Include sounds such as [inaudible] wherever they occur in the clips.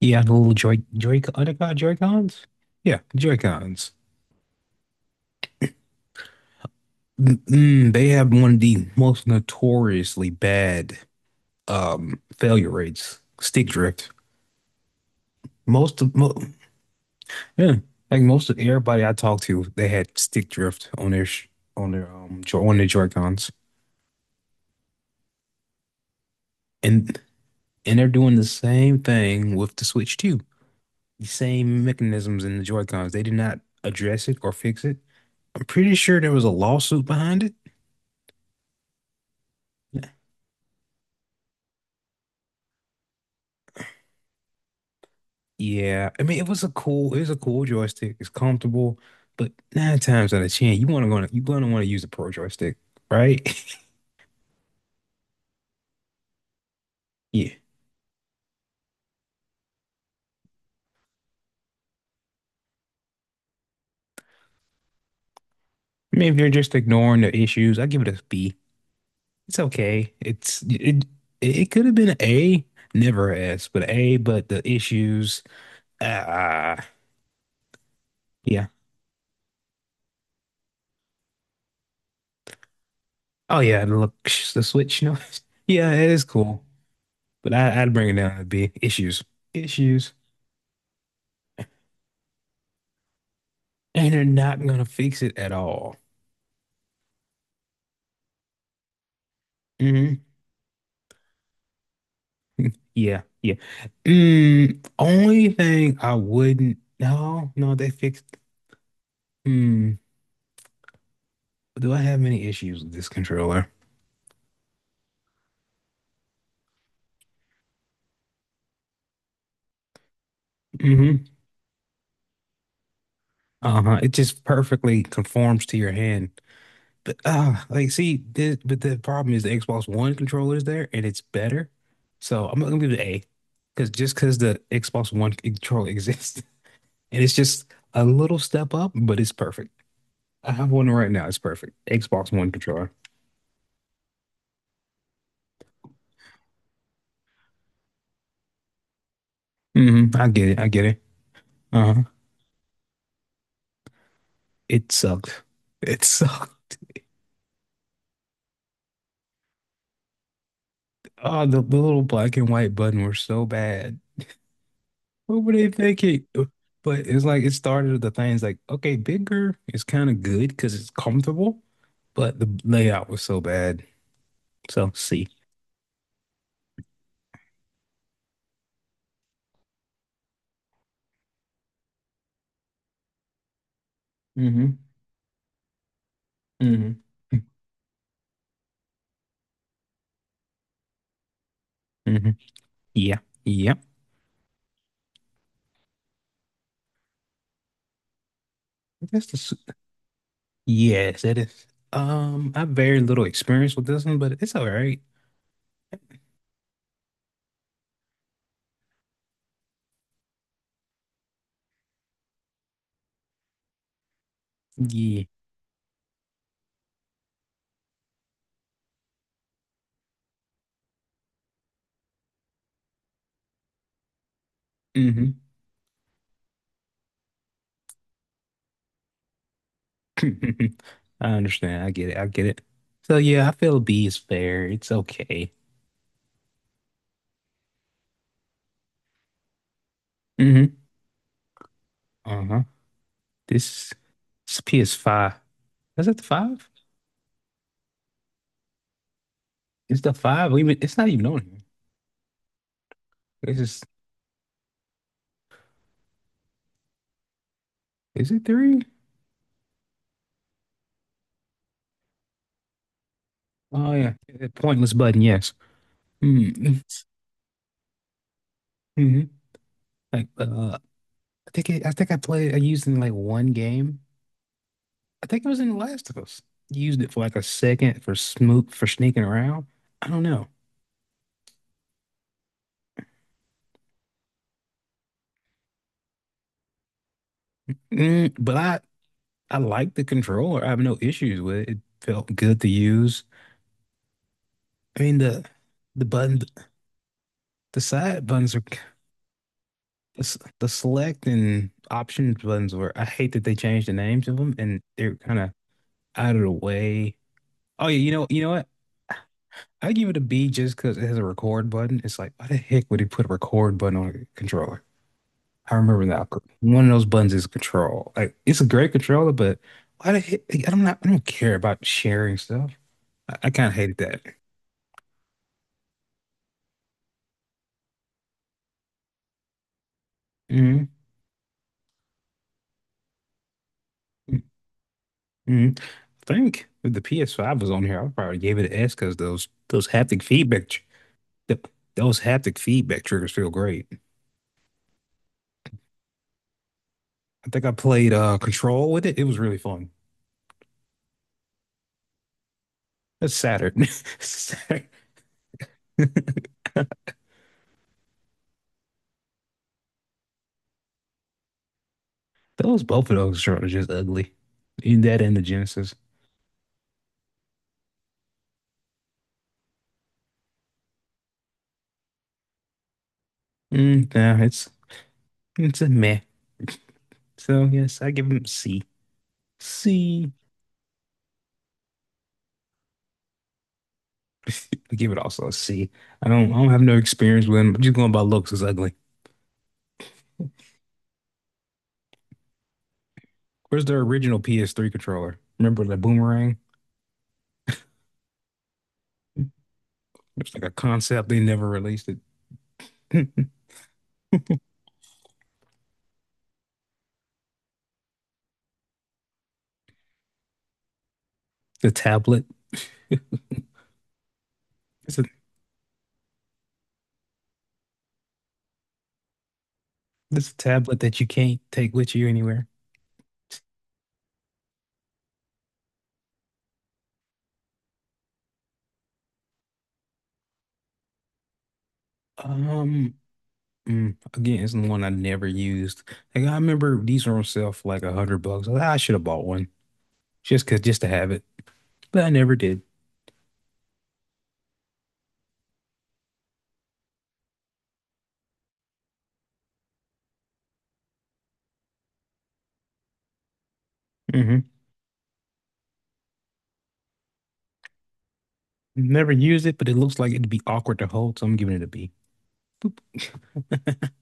Yeah, the little Joy Joy are they called Joy-Cons? Yeah, Joy-Cons. They have one of the most notoriously bad failure rates, stick drift. Most of mo yeah, Like most of everybody I talked to, they had stick drift on their sh on their jo on their Joy-Cons. And and they're doing the same thing with the Switch too. The same mechanisms in the Joy-Cons. They did not address it or fix it. I'm pretty sure there was a lawsuit behind it. Yeah, I mean it was a cool joystick. It's comfortable, but nine times out of ten, you're gonna want to use a pro joystick, right? [laughs] Yeah. I mean if you're just ignoring the issues, I give it a B. It's okay. It could have been an A, never an S, but an A, but the issues, ah yeah. Oh yeah, and look the Switch, no. [laughs] Yeah, it is cool. But I'd bring it down to B. Issues. Issues. And they're not gonna fix it at all. Mm-hmm. Yeah, yeah. Mm, only thing I wouldn't. No, no, they fixed. Mm, do I have any issues with this controller? Hmm. Uh-huh. It just perfectly conforms to your hand. But but the problem is the Xbox One controller is there, and it's better. So I'm gonna give it an A, because just because the Xbox One controller exists, [laughs] and it's just a little step up, but it's perfect. I have one right now. It's perfect. Xbox One controller. Hmm. I get it. I get it. Uh-huh. It sucked. It sucked. Oh, the little black and white button were so bad. What were they thinking? But it's like it started with the things like, okay, bigger is kind of good because it's comfortable, but the layout was so bad. So C. Hmm. Hmm. Hmm. Yeah. Yeah. That's the s- yes, that is. I have very little experience with this one, but it's all right. Yeah. Mm-hmm. [laughs] I understand. I get it. I get it. So yeah, I feel B is fair. It's okay. Hmm. Uh-huh. This, this PS5. Is it the five? It's the five. We even it's not even on here. This is it three? Oh yeah. Yeah, pointless button, yes. Mm-hmm. Mm-hmm. Like uh I I think I played I used it in like one game. I think it was in The Last of Us. Used it for like a second for smoot for sneaking around. I don't know. Mm, but I like the controller. I have no issues with it. It felt good to use. I mean the the button the side buttons are the select and option buttons were I hate that they changed the names of them and they're kind of out of the way. Oh yeah, you know what? I give it a B just because it has a record button. It's like why the heck would he put a record button on a controller? I remember that one of those buttons is control. Like it's a great controller, but why the heck? I don't care about sharing stuff. I kind of hated that. Hmm. Mhm. I think if the PS5 was on here, I probably gave it an S because those haptic feedback tr- th those haptic feedback triggers feel great. I think I played Control with it. It was really fun. That's Saturn. [laughs] Saturn. Those Both of those controllers just ugly. In that and the Genesis. Mm, nah, it's it's a meh. So yes, I give them C. C. I give it also a C. I don't have no experience with them. Just going by looks, it's ugly. Where's their original PS3 controller? Remember the boomerang? It's like a concept they never released it. [clears throat] The tablet. It's a it's a tablet that you can't take with you anywhere. Um, mm, again, it's the one I never used. Like I remember these were on sale for like 100 bucks. Was like, I should have bought one just to have it, but I never did. Hmm. Never used it, but it looks like it'd be awkward to hold, so I'm giving it a B. [laughs]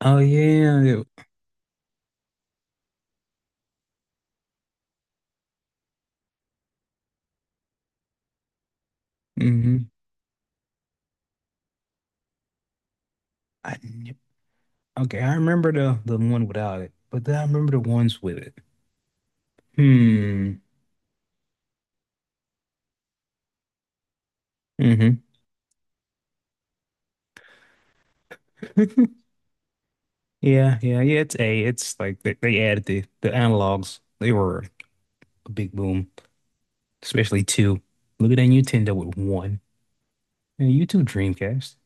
Oh yeah. Mm-hmm. I kn- okay, I remember the one without it, but then I remember the ones with it. Hmm. Mm-hmm. [laughs] Yeah, yeah, yeah. It's a. It's like they added the analogs. They were a big boom, especially two. Look at that Nintendo with one and YouTube Dreamcast.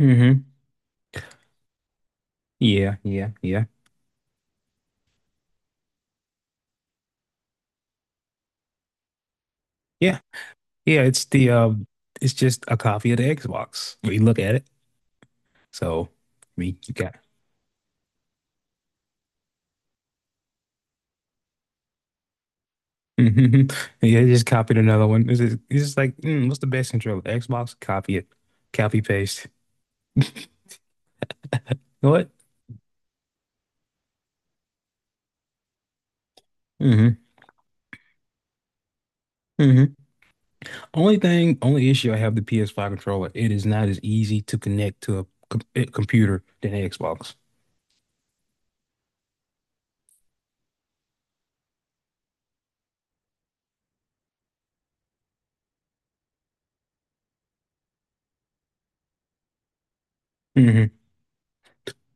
Mm-hmm. Yeah, yeah, yeah, yeah, yeah. It's the it's just a copy of the Xbox. We look at it. So, I mean, you got. [laughs] Hmm. Yeah, they just copied another one. It's just like, mm, what's the best controller? Xbox. Copy it. Copy paste. You know what? Mm-hmm. Mm-hmm. Only issue I have with the PS5 controller, it is not as easy to connect to a com a computer than Xbox. Hmm.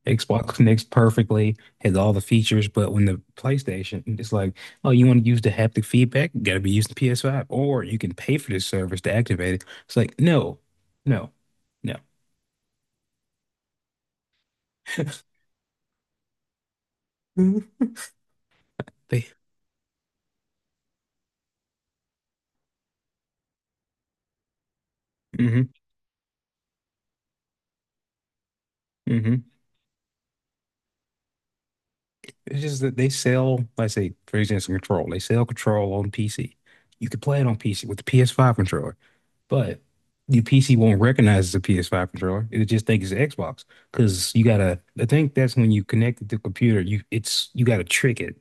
Xbox connects perfectly, has all the features, but when the PlayStation, it's like, oh, you want to use the haptic feedback? You gotta be using PS5, or you can pay for this service to activate it. It's like, no, no, no. [laughs] They, mm-hmm, mm-hmm. It's just that they sell, like say, for example, Control. They sell Control on PC. You can play it on PC with the PS5 controller, but your PC won't recognize it's a PS5 controller. It'll just think it's Xbox because you gotta. I think that's when you connect it to the computer. You gotta trick it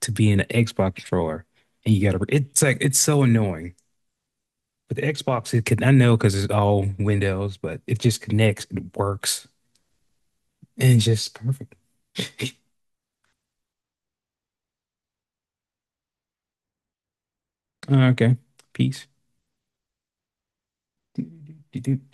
to being an Xbox controller, and you gotta. It's like it's so annoying. But the Xbox, it can I know because it's all Windows, but it just connects. It works, and it's just perfect. [laughs] Okay, peace. [laughs]